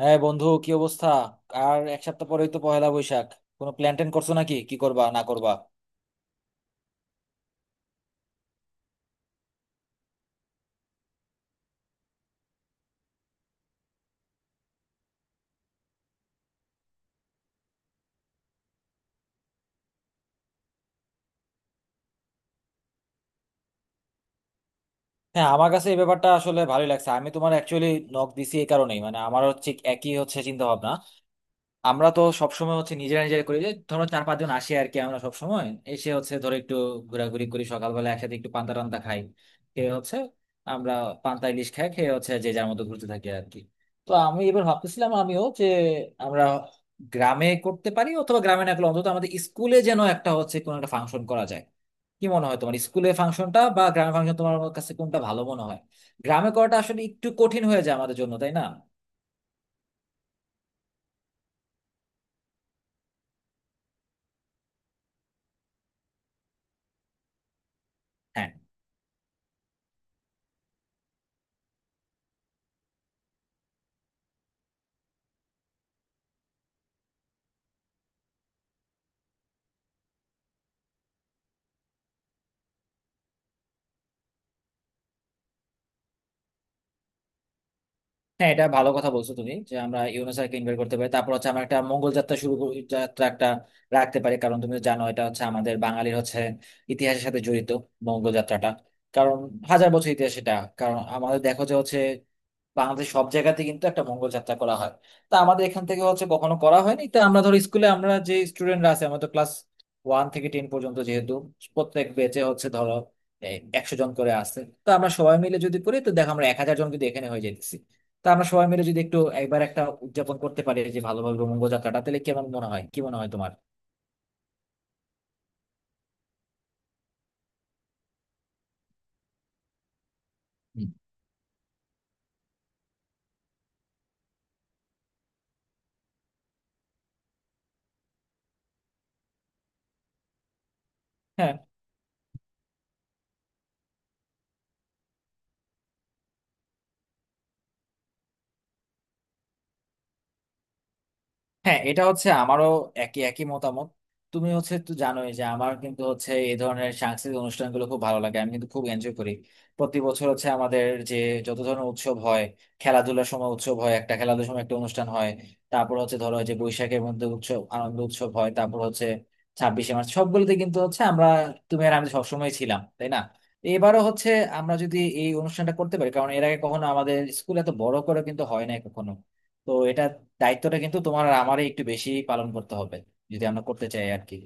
হ্যাঁ বন্ধু, কি অবস্থা? আর এক সপ্তাহ পরেই তো পহেলা বৈশাখ। কোনো প্ল্যান ট্যান করছো নাকি, কি করবা না করবা? হ্যাঁ, আমার কাছে এই ব্যাপারটা আসলে ভালোই লাগছে। আমি তোমার অ্যাকচুয়ালি নক দিছি এই কারণেই, মানে আমারও ঠিক একই হচ্ছে চিন্তা ভাবনা। আমরা তো সবসময় হচ্ছে নিজেরা নিজেরা করি, যে ধরো চার পাঁচজন আসি আর কি। আমরা সবসময় এসে হচ্ছে ধরো একটু ঘোরাঘুরি করি, সকালবেলা একসাথে একটু পান্তা টান্তা খাই, খেয়ে হচ্ছে আমরা পান্তা ইলিশ খাই, খেয়ে হচ্ছে যে যার মতো ঘুরতে থাকি আর কি। তো আমি এবার ভাবতেছিলাম, আমিও যে আমরা গ্রামে করতে পারি, অথবা গ্রামে না করলে অন্তত আমাদের স্কুলে যেন একটা হচ্ছে কোনো একটা ফাংশন করা যায়। কি মনে হয় তোমার, স্কুলে ফাংশনটা বা গ্রামে ফাংশন তোমার কাছে কোনটা ভালো মনে হয়? গ্রামে করাটা আসলে একটু কঠিন হয়ে যায় আমাদের জন্য, তাই না? হ্যাঁ। হ্যাঁ, এটা ভালো কথা বলছো তুমি যে আমরা ইউনেস্কোকে ইনভাইট করতে পারি। তারপর হচ্ছে আমরা একটা মঙ্গল যাত্রা যাত্রা একটা রাখতে পারি, কারণ তুমি জানো এটা হচ্ছে আমাদের বাঙালির হচ্ছে ইতিহাসের সাথে জড়িত, মঙ্গল যাত্রাটা। কারণ হাজার বছর ইতিহাস এটা। কারণ আমাদের দেখো যে হচ্ছে বাংলাদেশ সব জায়গাতে কিন্তু একটা মঙ্গল যাত্রা করা হয়, তা আমাদের এখান থেকে হচ্ছে কখনো করা হয়নি। তা আমরা ধর স্কুলে আমরা যে স্টুডেন্টরা আছে, আমাদের ক্লাস 1 থেকে 10 পর্যন্ত যেহেতু প্রত্যেক ব্যাচে হচ্ছে ধরো 100 জন করে আসছে, তো আমরা সবাই মিলে যদি করি তো দেখো আমরা 1,000 জন কিন্তু এখানে হয়ে যেতেছি। তা আমরা সবাই মিলে যদি একটু একবার একটা উদযাপন করতে পারি, যে ভালোভাবে মঙ্গল যাত্রাটা, তাহলে কেমন মনে হয়, কি মনে হয় তোমার? হুম। হ্যাঁ, এটা হচ্ছে আমারও একই একই মতামত। তুমি হচ্ছে তো জানোই যে আমার কিন্তু হচ্ছে এই ধরনের সাংস্কৃতিক অনুষ্ঠানগুলো খুব ভালো লাগে, আমি কিন্তু খুব এনজয় করি। প্রতি বছর হচ্ছে আমাদের যে যত ধরনের উৎসব হয়, খেলাধুলার সময় উৎসব হয়, একটা খেলাধুলার সময় একটা অনুষ্ঠান হয়। তারপর হচ্ছে ধরো যে বৈশাখের মধ্যে উৎসব আনন্দ উৎসব হয়, তারপর হচ্ছে 26শে মার্চ, সবগুলোতে কিন্তু হচ্ছে আমরা, তুমি আর আমি সবসময় ছিলাম, তাই না? এবারও হচ্ছে আমরা যদি এই অনুষ্ঠানটা করতে পারি, কারণ এর আগে কখনো আমাদের স্কুলে এত বড় করে কিন্তু হয় না কখনো। তো এটা দায়িত্বটা কিন্তু তোমার আর আমারই একটু বেশি পালন করতে হবে, যদি আমরা করতে চাই আর কি।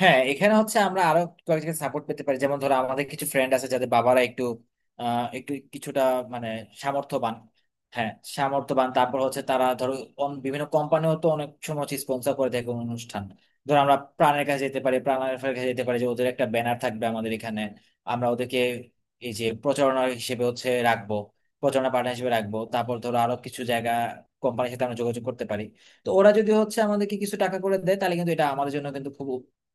হ্যাঁ, এখানে হচ্ছে আমরা আরো কয়েকজনকে সাপোর্ট পেতে পারি, যেমন ধরো আমাদের কিছু ফ্রেন্ড আছে যাদের বাবারা একটু একটু কিছুটা মানে সামর্থ্যবান। হ্যাঁ, সামর্থ্যবান। তারপর হচ্ছে তারা ধরো বিভিন্ন কোম্পানিও তো অনেক সময় হচ্ছে স্পন্সর করে দেয় কোনো অনুষ্ঠান। ধরো আমরা প্রাণের কাছে যেতে পারি, যে ওদের একটা ব্যানার থাকবে আমাদের এখানে, আমরা ওদেরকে এই যে প্রচারণা হিসেবে হচ্ছে রাখবো, প্রচারণা পার্টনার হিসেবে রাখবো। তারপর ধরো আরো কিছু জায়গা, কোম্পানির সাথে আমরা যোগাযোগ করতে পারি। তো ওরা যদি হচ্ছে আমাদেরকে কিছু টাকা করে দেয় তাহলে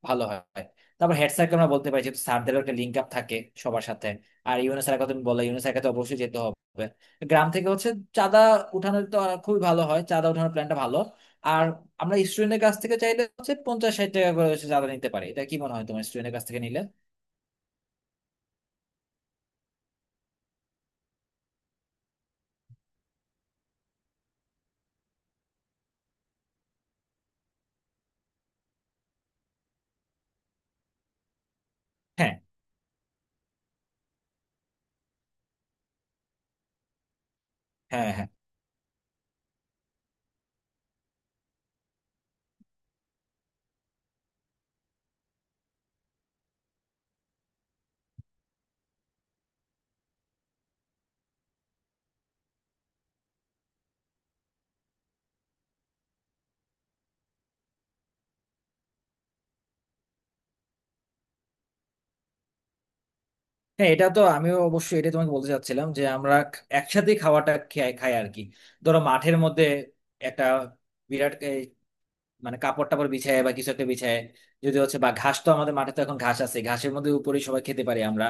ভালো হয়। তারপর হেড স্যারকে আমরা বলতে পারি, যেহেতু স্যারদেরও একটা লিঙ্ক আপ থাকে সবার সাথে। আর ইউনুস স্যারের কথা তুমি বললে, ইউনুস স্যারকে তো অবশ্যই যেতে হবে। গ্রাম থেকে হচ্ছে চাঁদা উঠানোর তো আর খুবই ভালো হয়, চাঁদা উঠানোর প্ল্যানটা ভালো। আর আমরা স্টুডেন্টের কাছ থেকে চাইলে হচ্ছে 50-60 টাকা করে হচ্ছে চাঁদা নিতে পারি। এটা কি মনে হয় তোমার, স্টুডেন্টের কাছ থেকে নিলে? হ্যাঁ হ্যাঁ হ্যাঁ। হ্যাঁ, এটা তো আমিও অবশ্যই, এটা তোমাকে বলতে চাচ্ছিলাম যে আমরা একসাথে খাওয়াটা খাই খাই আর কি। ধরো মাঠের মধ্যে একটা বিরাট মানে কাপড় টাপড় বিছায় বা কিছু একটা বিছায়, যদি হচ্ছে বা ঘাস, তো আমাদের মাঠে তো এখন ঘাস আছে, ঘাসের মধ্যে উপরে সবাই খেতে পারি আমরা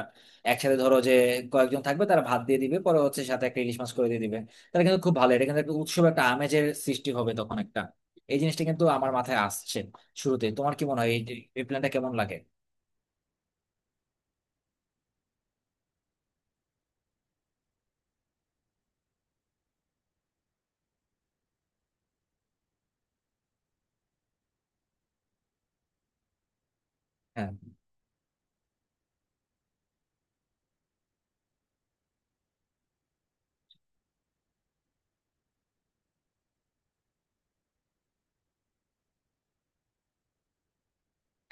একসাথে। ধরো যে কয়েকজন থাকবে তারা ভাত দিয়ে দিবে, পরে হচ্ছে সাথে একটা ইলিশ মাছ করে দিয়ে দিবে। তাহলে কিন্তু খুব ভালো, এটা কিন্তু একটা উৎসব একটা আমেজের সৃষ্টি হবে তখন একটা। এই জিনিসটা কিন্তু আমার মাথায় আসছে শুরুতে। তোমার কি মনে হয়, এই এই প্ল্যানটা কেমন লাগে? হ্যাঁ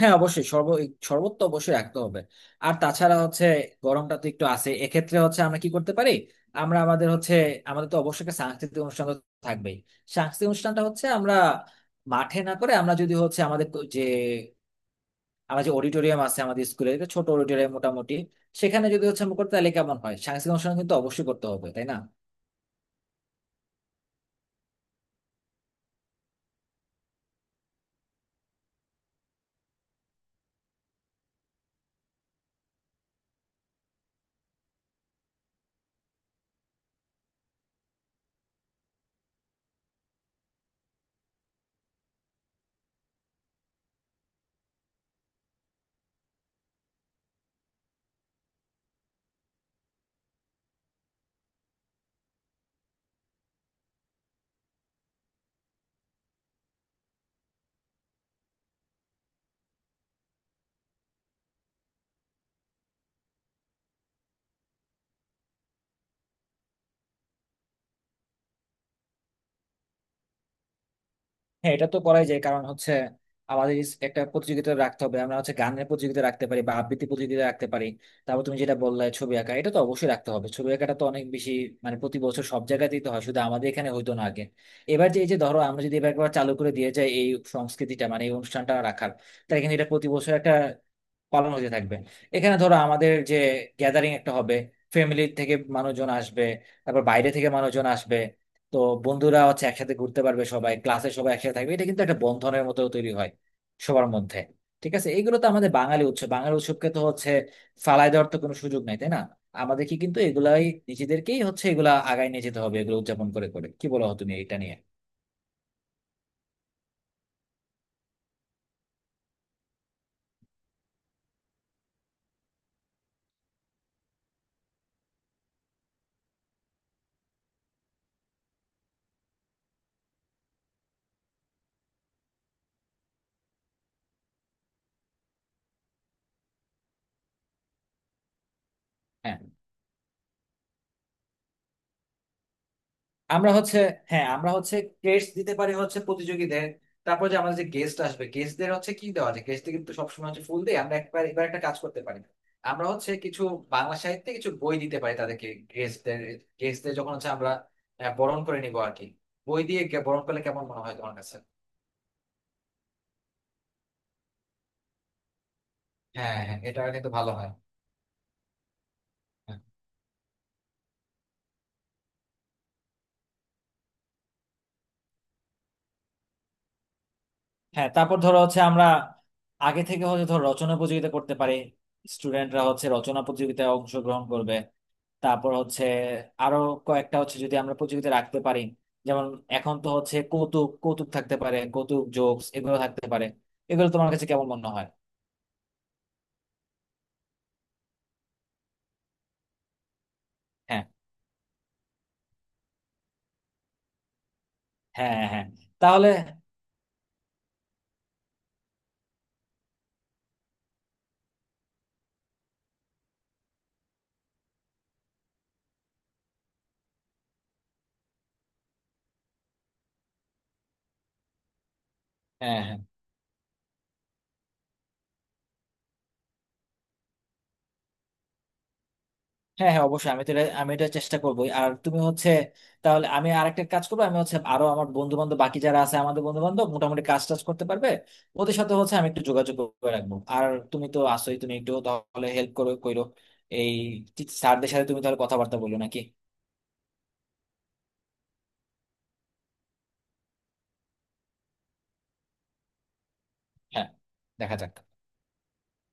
হ্যাঁ, অবশ্যই শরবত, শরবত তো অবশ্যই রাখতে হবে। আর তাছাড়া হচ্ছে গরমটা তো একটু আছে, এক্ষেত্রে হচ্ছে আমরা কি করতে পারি, আমরা আমাদের হচ্ছে, আমাদের তো অবশ্যই একটা সাংস্কৃতিক অনুষ্ঠান তো থাকবেই। সাংস্কৃতিক অনুষ্ঠানটা হচ্ছে আমরা মাঠে না করে, আমরা যদি হচ্ছে আমাদের তো যে আমাদের যে অডিটোরিয়াম আছে আমাদের স্কুলে, ছোট অডিটোরিয়াম মোটামুটি, সেখানে যদি হচ্ছে আমরা করতে তাহলে কেমন হয়? সাংস্কৃতিক অনুষ্ঠান কিন্তু অবশ্যই করতে হবে, তাই না? হ্যাঁ, এটা তো করাই যায়, কারণ হচ্ছে আমাদের একটা প্রতিযোগিতা রাখতে হবে। আমরা হচ্ছে গানের প্রতিযোগিতা রাখতে পারি বা আবৃত্তি প্রতিযোগিতা রাখতে পারি। তারপর তুমি যেটা বললে ছবি আঁকা, এটা তো অবশ্যই রাখতে হবে, ছবি আঁকাটা তো অনেক বেশি, মানে প্রতি বছর সব জায়গাতেই তো হয়, শুধু আমাদের এখানে হইতো না আগে। এবার যে এই যে ধরো আমরা যদি এবার একবার চালু করে দিয়ে যাই এই সংস্কৃতিটা, মানে এই অনুষ্ঠানটা রাখার, তাহলে কিন্তু এটা প্রতি বছর একটা পালন হতে থাকবে। এখানে ধরো আমাদের যে গ্যাদারিং একটা হবে, ফ্যামিলি থেকে মানুষজন আসবে, তারপর বাইরে থেকে মানুষজন আসবে। তো বন্ধুরা হচ্ছে একসাথে ঘুরতে পারবে, সবাই ক্লাসে সবাই একসাথে থাকবে, এটা কিন্তু একটা বন্ধনের মতো তৈরি হয় সবার মধ্যে। ঠিক আছে, এগুলো তো আমাদের বাঙালি উৎসব, বাঙালি উৎসবকে তো হচ্ছে ফালায় দেওয়ার তো কোনো সুযোগ নাই, তাই না? আমাদের কি কিন্তু এগুলাই, নিজেদেরকেই হচ্ছে এগুলা আগায় নিয়ে যেতে হবে, এগুলো উদযাপন করে করে। কি বলো তুমি এটা নিয়ে? হ্যাঁ আমরা হচ্ছে হ্যাঁ, আমরা হচ্ছে ক্রেস্ট দিতে পারি হচ্ছে প্রতিযোগীদের। তারপর যে আমাদের যে গেস্ট আসবে গেস্টদের হচ্ছে কি দেওয়া যায়? গেস্টদের কিন্তু সবসময় হচ্ছে ফুল দিয়ে, আমরা একবার এবার একটা কাজ করতে পারি, আমরা হচ্ছে কিছু বাংলা সাহিত্যে কিছু বই দিতে পারি তাদেরকে, গেস্টদের। গেস্টদের যখন হচ্ছে আমরা বরণ করে নিবো আর কি, বই দিয়ে বরণ করলে কেমন মনে হয় তোমার কাছে? হ্যাঁ হ্যাঁ, এটা কিন্তু ভালো হয়। হ্যাঁ, তারপর ধরো হচ্ছে আমরা আগে থেকে হচ্ছে ধর রচনা প্রতিযোগিতা করতে পারি, স্টুডেন্টরা হচ্ছে রচনা প্রতিযোগিতায় অংশগ্রহণ করবে। তারপর হচ্ছে আরো কয়েকটা হচ্ছে যদি আমরা প্রতিযোগিতা রাখতে পারি, যেমন এখন তো হচ্ছে কৌতুক কৌতুক থাকতে পারে, কৌতুক জোকস এগুলো থাকতে পারে। এগুলো তোমার কাছে কেমন মনে হয়? হ্যাঁ হ্যাঁ হ্যাঁ হ্যাঁ। তাহলে হ্যাঁ হ্যাঁ হ্যাঁ হ্যাঁ, অবশ্যই। আমি তো আমি এটা চেষ্টা করবোই। আর তুমি হচ্ছে, তাহলে আমি আরেকটা কাজ করবো, আমি হচ্ছে আরো আমার বন্ধু বান্ধব বাকি যারা আছে, আমাদের বন্ধু বান্ধব মোটামুটি কাজ টাজ করতে পারবে, ওদের সাথে হচ্ছে আমি একটু যোগাযোগ করে রাখবো। আর তুমি তো আসোই, তুমি একটু তাহলে হেল্প করো কইরো এই, স্যারদের সাথে তুমি তাহলে কথাবার্তা বলো নাকি? হ্যাঁ। দেখা যাক।